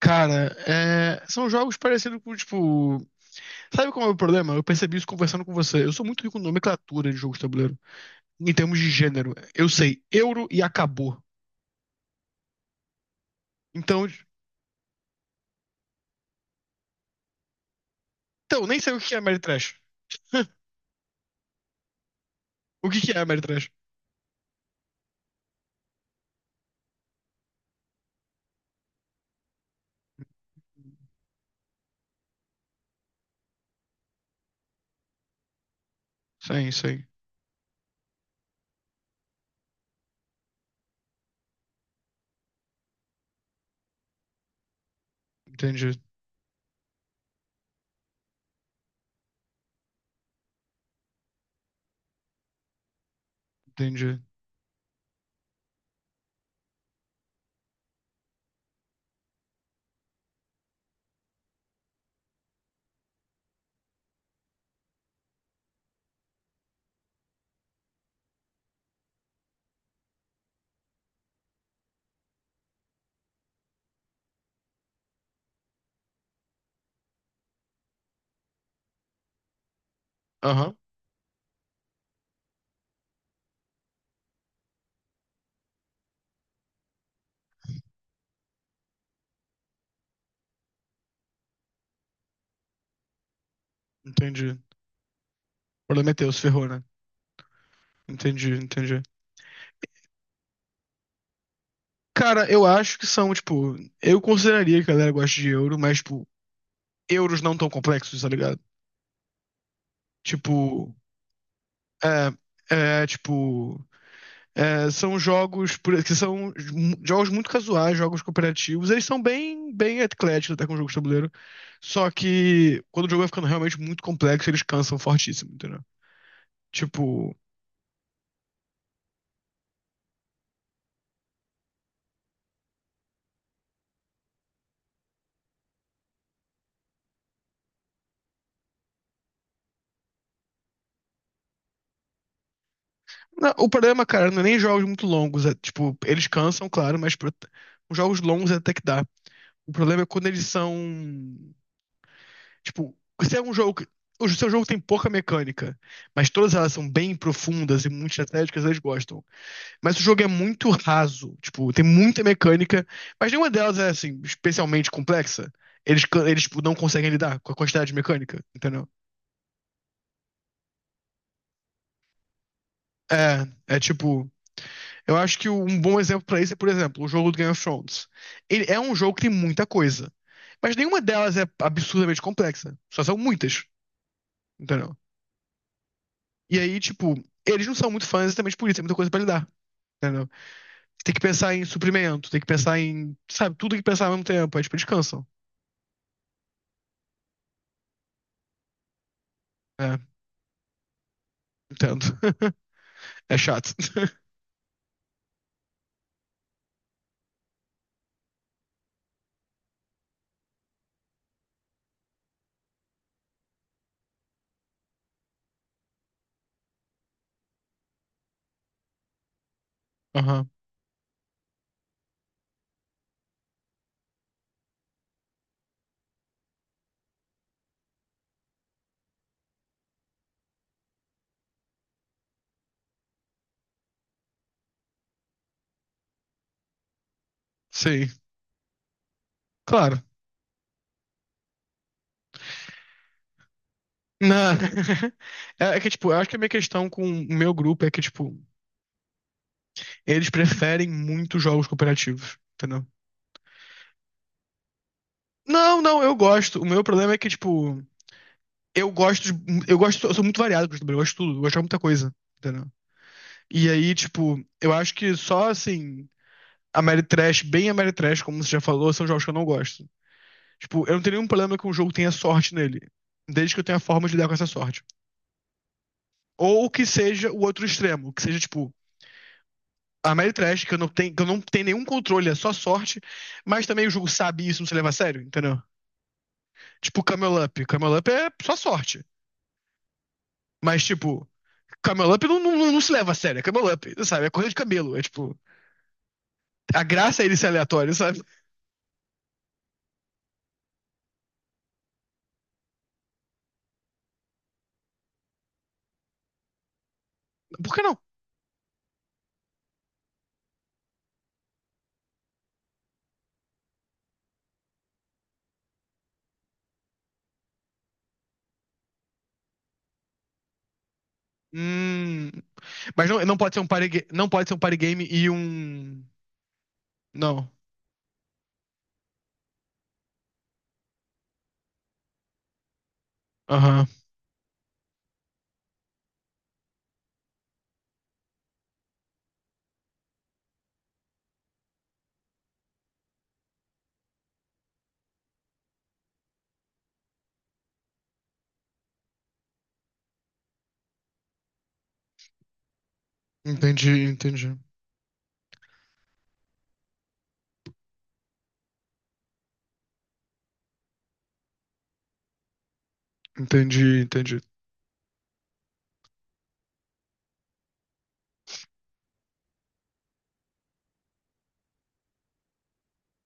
Cara, são jogos parecidos com, tipo. Sabe qual é o problema? Eu percebi isso conversando com você. Eu sou muito rico em nomenclatura de jogos de tabuleiro. Em termos de gênero. Eu sei euro e acabou. Então, então nem sei o que é Ameritrash. O que que é Ameritrash? Sim. Entendi, entendi. Aham, entendi. O problema é teu, se ferrou, né? Entendi. Cara, eu acho que são, tipo. Eu consideraria que a galera gosta de euro, mas, tipo, euros não tão complexos, tá ligado? Tipo. É, é, tipo, são jogos que são jogos muito casuais, jogos cooperativos. Eles são bem, bem ecléticos até com jogos de tabuleiro. Só que quando o jogo vai ficando realmente muito complexo, eles cansam fortíssimo, entendeu? Tipo, o problema, cara, não é nem jogos muito longos. É, tipo, eles cansam, claro, os jogos longos até que dá. O problema é quando eles são, tipo, se é um jogo que o seu jogo tem pouca mecânica, mas todas elas são bem profundas e muito estratégicas, eles gostam. Mas o jogo é muito raso, tipo, tem muita mecânica, mas nenhuma delas é, assim, especialmente complexa. Eles tipo, não conseguem lidar com a quantidade de mecânica, entendeu? É, é tipo, eu acho que um bom exemplo pra isso é, por exemplo, o jogo do Game of Thrones. Ele é um jogo que tem muita coisa, mas nenhuma delas é absurdamente complexa, só são muitas, entendeu? E aí, tipo, eles não são muito fãs exatamente por isso, tem muita coisa pra lidar, entendeu? Tem que pensar em suprimento, tem que pensar em, sabe, tudo tem que pensar ao mesmo tempo, aí, tipo, eles cansam. É, entendo. É chato. Aham, sei. Claro. Não. É que, tipo, eu acho que a minha questão com o meu grupo é que, tipo, eles preferem muito jogos cooperativos, entendeu? Não, não, eu gosto. O meu problema é que, tipo, eu gosto de, eu gosto, eu sou muito variado com eu gosto de tudo, eu gosto de muita coisa, entendeu? E aí, tipo, eu acho que só, assim, Ameritrash, bem Ameritrash, como você já falou, são jogos que eu não gosto. Tipo, eu não tenho nenhum problema que um jogo tenha sorte nele, desde que eu tenha forma de lidar com essa sorte. Ou que seja o outro extremo, que seja, tipo, a Mary que eu não tenho, que eu não tenho nenhum controle, é só sorte, mas também o jogo sabe isso, não se leva a sério, entendeu? Tipo, Camel Up. Camel Up é só sorte. Mas, tipo, Camel Up não se leva a sério, é Camel Up, sabe? É corrida de camelo. É tipo, a graça é ele ser aleatório, sabe? Por que não? Hum, mas não, não pode ser um party, ga- não pode ser um party game e um. Não. Aham. Entendi. Entendi.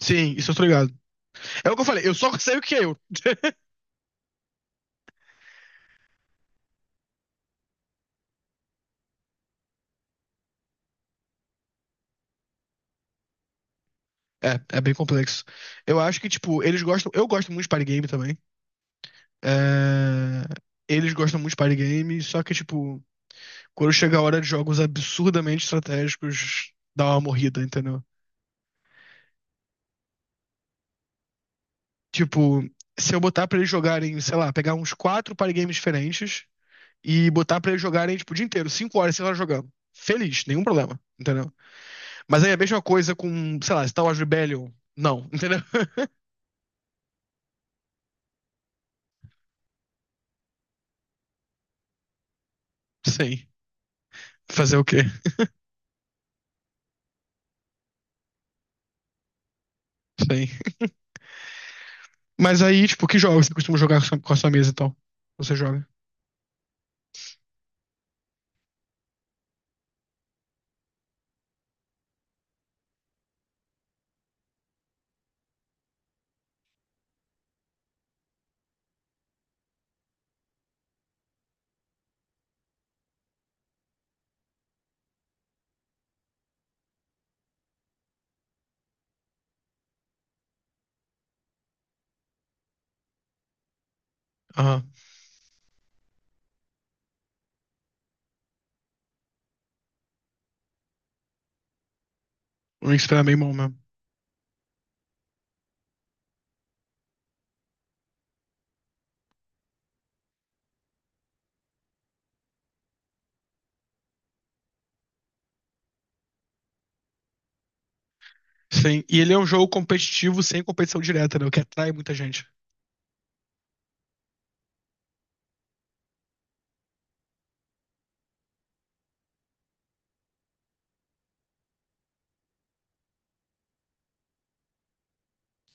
Sim, isso eu tô ligado. É o que eu falei, eu só sei o que é euro. É, é bem complexo. Eu acho que, tipo, eles gostam. Eu gosto muito de party game também. É, eles gostam muito de party game, só que, tipo, quando chega a hora de jogos absurdamente estratégicos, dá uma morrida, entendeu? Tipo, se eu botar pra eles jogarem, sei lá, pegar uns quatro party games diferentes e botar pra eles jogarem, tipo, o dia inteiro, 5 horas, 6 horas jogando. Feliz, nenhum problema, entendeu? Mas aí é a mesma coisa com, sei lá, Star Wars Rebellion. Não, entendeu? Sim. Fazer o quê? Sim. Mas aí, tipo, que jogos você costuma jogar com a com a sua mesa e tal? Você joga? Aham. O Wingspan é bem bom mesmo. Sim. E ele é um jogo competitivo sem competição direta, né? O que atrai muita gente.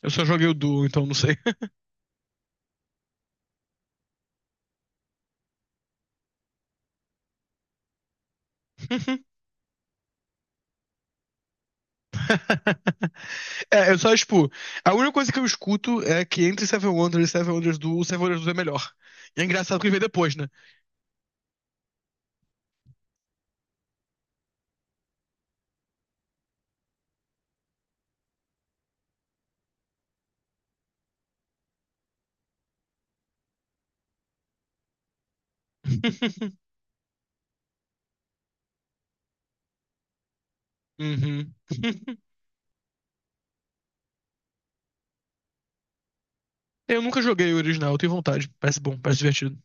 Eu só joguei o Duo, então não sei. É, eu só, tipo, a única coisa que eu escuto é que entre Seven Wonders e Seven Wonders Duo, o Seven Wonders Duo é melhor. E é engraçado que ele veio depois, né? Uhum. Eu nunca joguei o original, eu tenho vontade. Parece bom, parece divertido.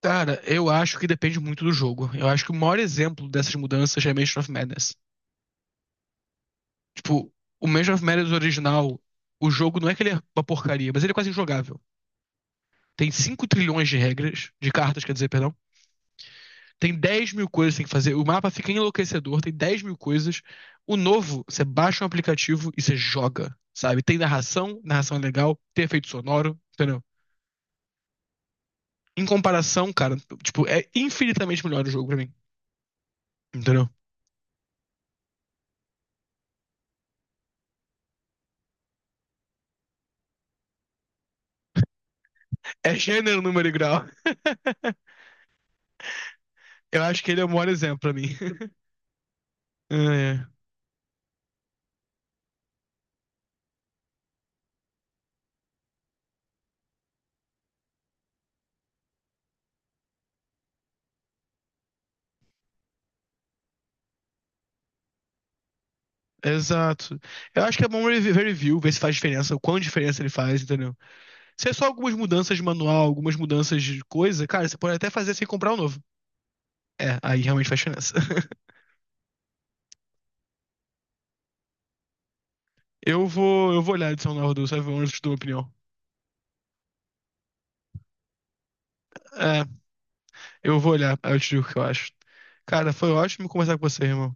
Cara, eu acho que depende muito do jogo. Eu acho que o maior exemplo dessas mudanças é Mansion of Madness. Tipo, o Mansion of Madness original, o jogo não é que ele é uma porcaria, mas ele é quase injogável. Tem 5 trilhões de regras, de cartas, quer dizer, perdão. Tem 10 mil coisas que tem que fazer. O mapa fica enlouquecedor, tem 10 mil coisas. O novo, você baixa um aplicativo e você joga, sabe? Tem narração, narração é legal, tem efeito sonoro, entendeu? Em comparação, cara, tipo, é infinitamente melhor o jogo pra mim, entendeu? É gênero, número e grau. Eu acho que ele é o maior exemplo pra mim. É, Exato. Eu acho que é bom ver review, ver se faz diferença, o quão diferença ele faz, entendeu? Se é só algumas mudanças de manual, algumas mudanças de coisa, cara, você pode até fazer sem comprar um novo. É, aí realmente faz diferença. Eu vou olhar a edição nova do Savage Wonders, te dou uma opinião. É, eu vou olhar, aí eu te digo o que eu acho. Cara, foi ótimo conversar com você, irmão.